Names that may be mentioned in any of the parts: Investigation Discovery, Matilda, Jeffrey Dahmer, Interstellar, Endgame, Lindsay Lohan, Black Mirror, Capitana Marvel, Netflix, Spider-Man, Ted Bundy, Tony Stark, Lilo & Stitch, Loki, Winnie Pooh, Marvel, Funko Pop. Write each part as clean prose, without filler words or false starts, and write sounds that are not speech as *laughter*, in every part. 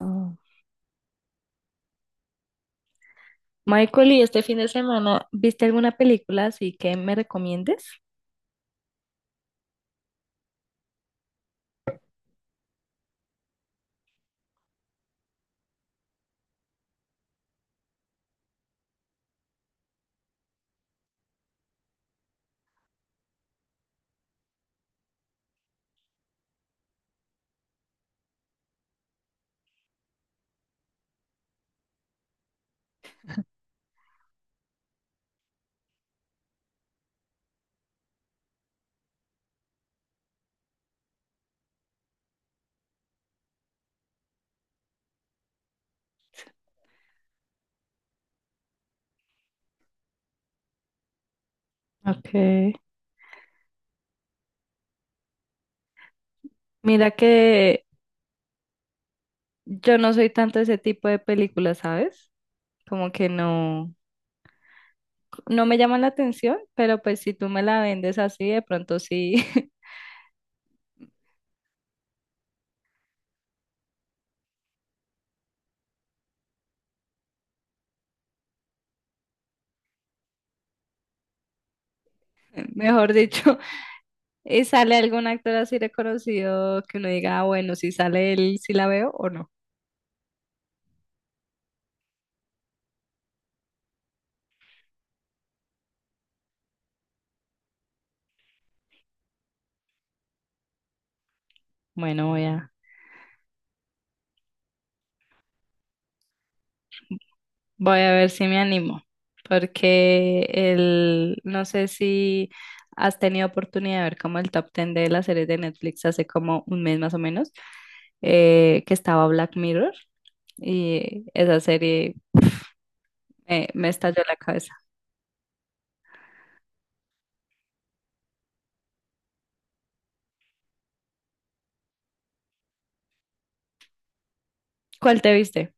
Oh. Michael, ¿y este fin de semana viste alguna película así que me recomiendes? Okay. Mira que yo no soy tanto de ese tipo de películas, ¿sabes? Como que no, no me llaman la atención, pero pues si tú me la vendes así, de pronto sí. *laughs* Mejor dicho, ¿y sale algún actor así reconocido que uno diga, ah, bueno, si sale él, si la veo o no? Bueno, voy a, voy a ver si me animo, porque no sé si has tenido oportunidad de ver como el top 10 de las series de Netflix hace como un mes más o menos, que estaba Black Mirror y esa serie me estalló la cabeza. ¿Cuál te viste?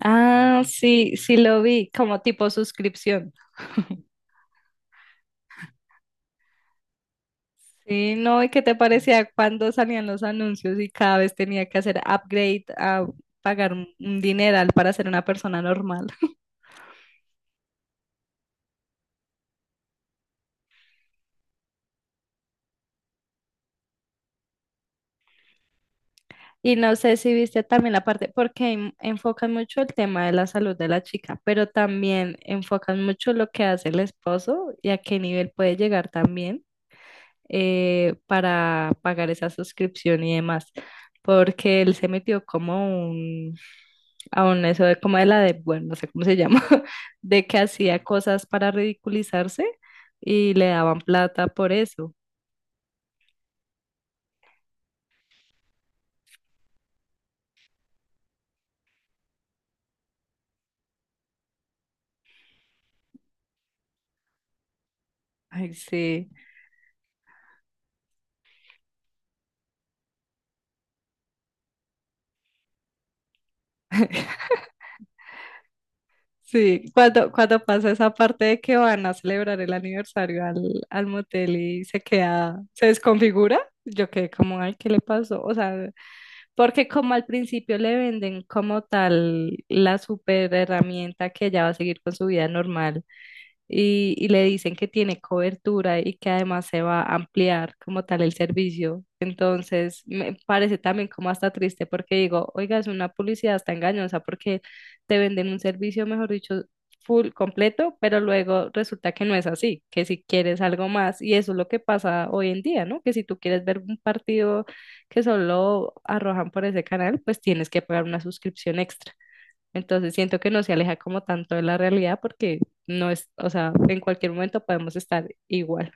Ah, sí, sí lo vi, como tipo suscripción. Sí, no, ¿y qué te parecía cuando salían los anuncios y cada vez tenía que hacer upgrade a pagar un dineral para ser una persona normal? Y no sé si viste también la parte, porque enfocan mucho el tema de la salud de la chica, pero también enfocan mucho lo que hace el esposo y a qué nivel puede llegar también, para pagar esa suscripción y demás, porque él se metió como un, a un eso de como bueno, no sé cómo se llama, *laughs* de que hacía cosas para ridiculizarse y le daban plata por eso. Ay, sí. *laughs* Sí, cuando pasa esa parte de que van a celebrar el aniversario al motel y se queda, se desconfigura, yo quedé como, ay, ¿qué le pasó? O sea, porque como al principio le venden como tal la super herramienta que ella va a seguir con su vida normal y le dicen que tiene cobertura y que además se va a ampliar como tal el servicio. Entonces, me parece también como hasta triste porque digo, oiga, es una publicidad hasta engañosa porque te venden un servicio, mejor dicho, full completo, pero luego resulta que no es así, que si quieres algo más. Y eso es lo que pasa hoy en día, ¿no? Que si tú quieres ver un partido que solo arrojan por ese canal, pues tienes que pagar una suscripción extra. Entonces siento que no se aleja como tanto de la realidad porque no es, o sea, en cualquier momento podemos estar igual.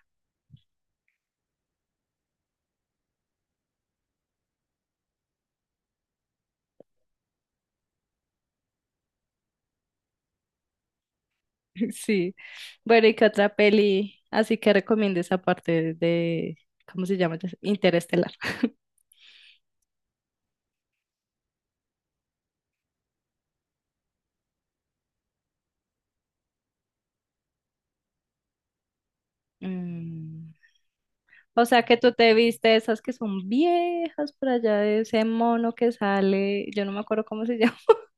*laughs* Sí. Bueno, ¿y qué otra peli así que recomiendes aparte de, ¿cómo se llama? Interestelar. *laughs* Mm. O sea que tú te viste esas que son viejas por allá de ese mono que sale, yo no me acuerdo cómo se llama. *laughs*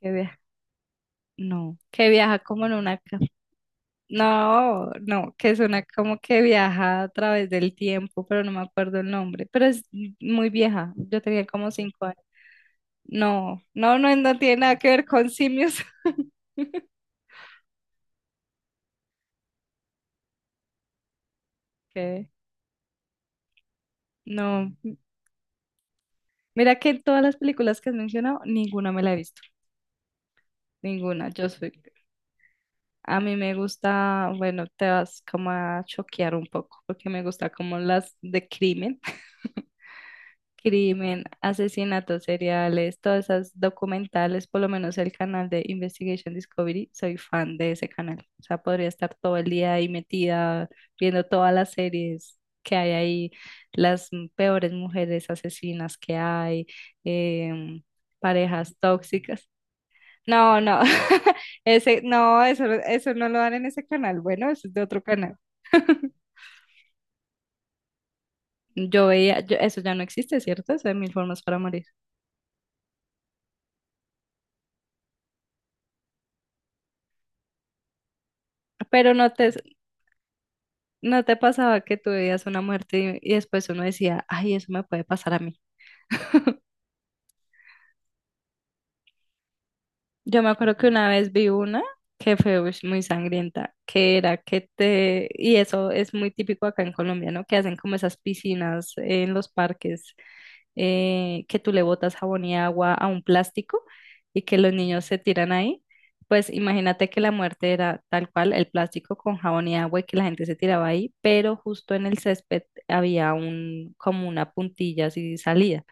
Que viaja, no, que viaja como en una, no, no, que es una como que viaja a través del tiempo, pero no me acuerdo el nombre, pero es muy vieja, yo tenía como cinco años. No, no, no, no tiene nada que ver con simios. *laughs* Que no, mira que en todas las películas que has mencionado, ninguna me la he visto, ninguna, yo soy. A mí me gusta, bueno, te vas como a choquear un poco, porque me gusta como las de crimen. *laughs* Crimen, asesinatos seriales, todas esas documentales, por lo menos el canal de Investigation Discovery, soy fan de ese canal. O sea, podría estar todo el día ahí metida viendo todas las series que hay ahí, las peores mujeres asesinas que hay, em, parejas tóxicas. No, no, *laughs* ese, no, eso no lo dan en ese canal. Bueno, eso es de otro canal. Yo veía, eso ya no existe, ¿cierto? Eso de mil formas para morir. Pero ¿no te pasaba que tú veías una muerte y después uno decía, ay, eso me puede pasar a mí? Yo me acuerdo que una vez vi una que fue ush, muy sangrienta, que era que te, y eso es muy típico acá en Colombia, ¿no? Que hacen como esas piscinas en los parques, que tú le botas jabón y agua a un plástico y que los niños se tiran ahí, pues imagínate que la muerte era tal cual, el plástico con jabón y agua y que la gente se tiraba ahí, pero justo en el césped había un, como una puntilla así salida.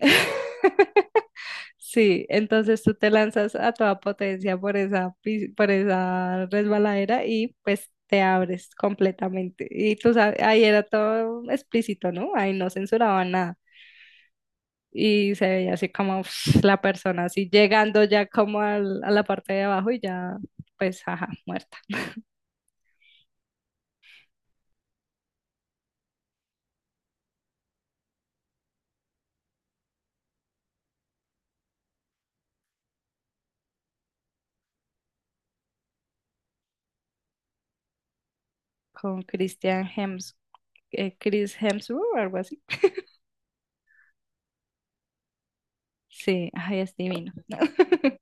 *laughs* Sí, entonces tú te lanzas a toda potencia por esa, por esa resbaladera y pues te abres completamente. Y tú sabes, ahí era todo explícito, ¿no? Ahí no censuraban nada. Y se veía así como *laughs* *sniffs* la persona así llegando ya como a la parte de abajo y ya pues ajá, muerta. Con Christian Hems, Chris Hemsworth o algo así. Sí, ay, es divino. *laughs*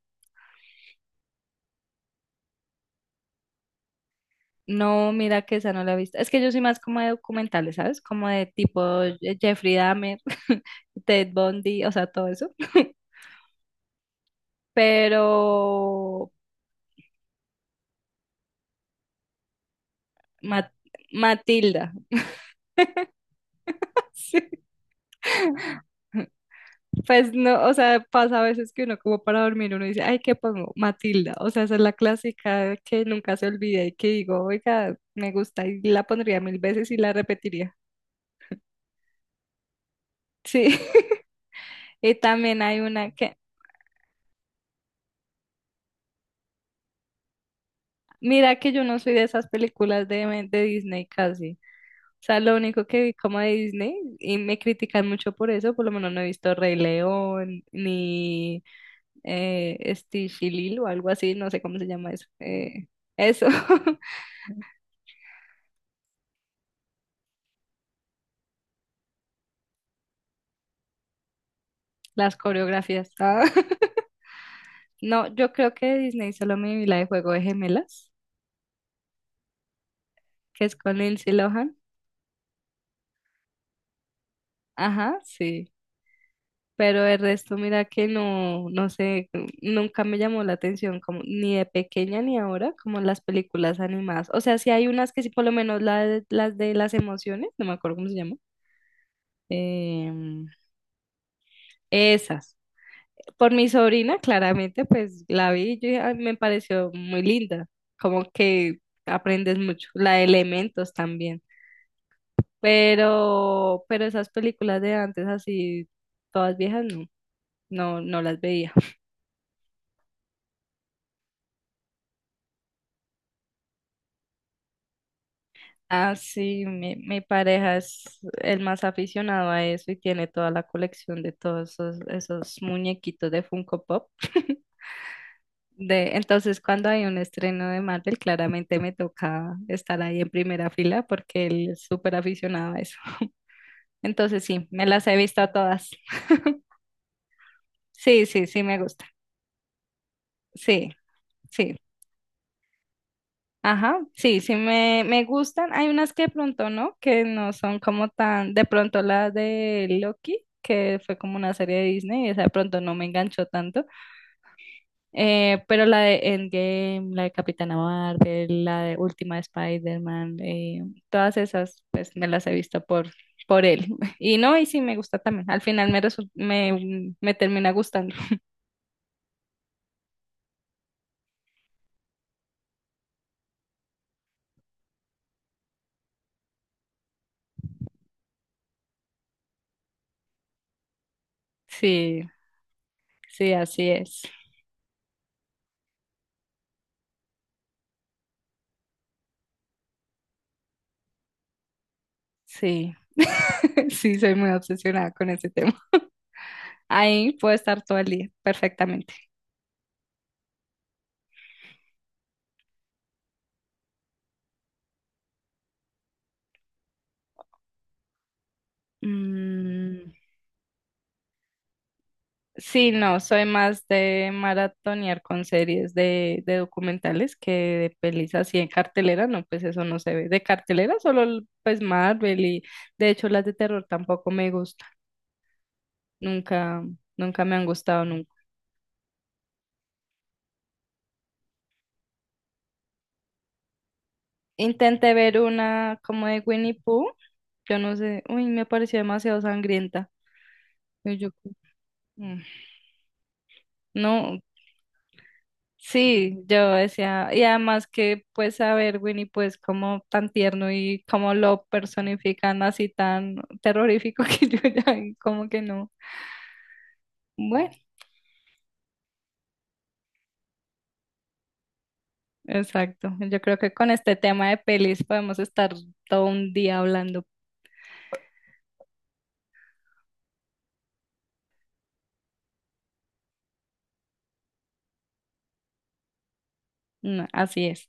No, mira que esa no la he visto. Es que yo soy más como de documentales, ¿sabes? Como de tipo Jeffrey Dahmer, *laughs* Ted Bundy, o sea, todo eso. *laughs* Pero Ma- Matilda. *laughs* Sí. Pues no, o sea, pasa a veces que uno como para dormir, uno dice, ay, ¿qué pongo? Matilda, o sea, esa es la clásica que nunca se olvida y que digo, oiga, me gusta y la pondría mil veces y la repetiría. Sí. *laughs* Y también hay una que, mira que yo no soy de esas películas de Disney casi, o sea, lo único que vi como de Disney y me critican mucho por eso, por lo menos no he visto Rey León ni, Stitch y Lilo o algo así, no sé cómo se llama eso. Eso. *laughs* Las coreografías. Ah. *laughs* No, yo creo que de Disney solo me vi la de Juego de Gemelas, que es con Lindsay Lohan. Ajá, sí. Pero el resto, mira que no, no sé, nunca me llamó la atención, como, ni de pequeña ni ahora, como las películas animadas. O sea, sí hay unas que sí, por lo menos las de las emociones, no me acuerdo cómo se llama. em, Esas. Por mi sobrina, claramente, pues la vi y yo dije, "Ay, me pareció muy linda, como que aprendes mucho, la de elementos también, pero esas películas de antes así, todas viejas, no, no, no las veía. Ah, sí, mi pareja es el más aficionado a eso y tiene toda la colección de todos esos, esos muñequitos de Funko Pop. *laughs* De, entonces, cuando hay un estreno de Marvel, claramente me toca estar ahí en primera fila porque él es súper aficionado a eso. Entonces, sí, me las he visto todas. Sí, sí, sí, me gusta. Sí, sí. Ajá, sí, sí, me gustan. Hay unas que de pronto no, que no son como tan, de pronto la de Loki, que fue como una serie de Disney, esa de pronto no me enganchó tanto. Pero la de Endgame, la de Capitana Marvel, la de Última de Spider-Man, todas esas, pues me las he visto por él. *laughs* Y no, y sí me gusta también. Al final me, me, me termina gustando. Sí, sí, así es. Sí. *laughs* Sí, soy muy obsesionada con ese tema. Ahí puedo estar todo el día, perfectamente. Mm. Sí, no, soy más de maratonear con series de documentales que de pelis así en cartelera, no, pues eso no se ve. De cartelera solo pues Marvel, y de hecho las de terror tampoco me gustan, nunca, nunca me han gustado nunca. Intenté ver una como de Winnie Pooh, yo no sé, uy, me pareció demasiado sangrienta. Y yo, mm, no. Sí, yo decía, y además que pues a ver, Winnie, pues como tan tierno y como lo personifican así tan terrorífico *laughs* que yo ya como que no. Bueno, exacto. Yo creo que con este tema de pelis podemos estar todo un día hablando. Mm. Así es.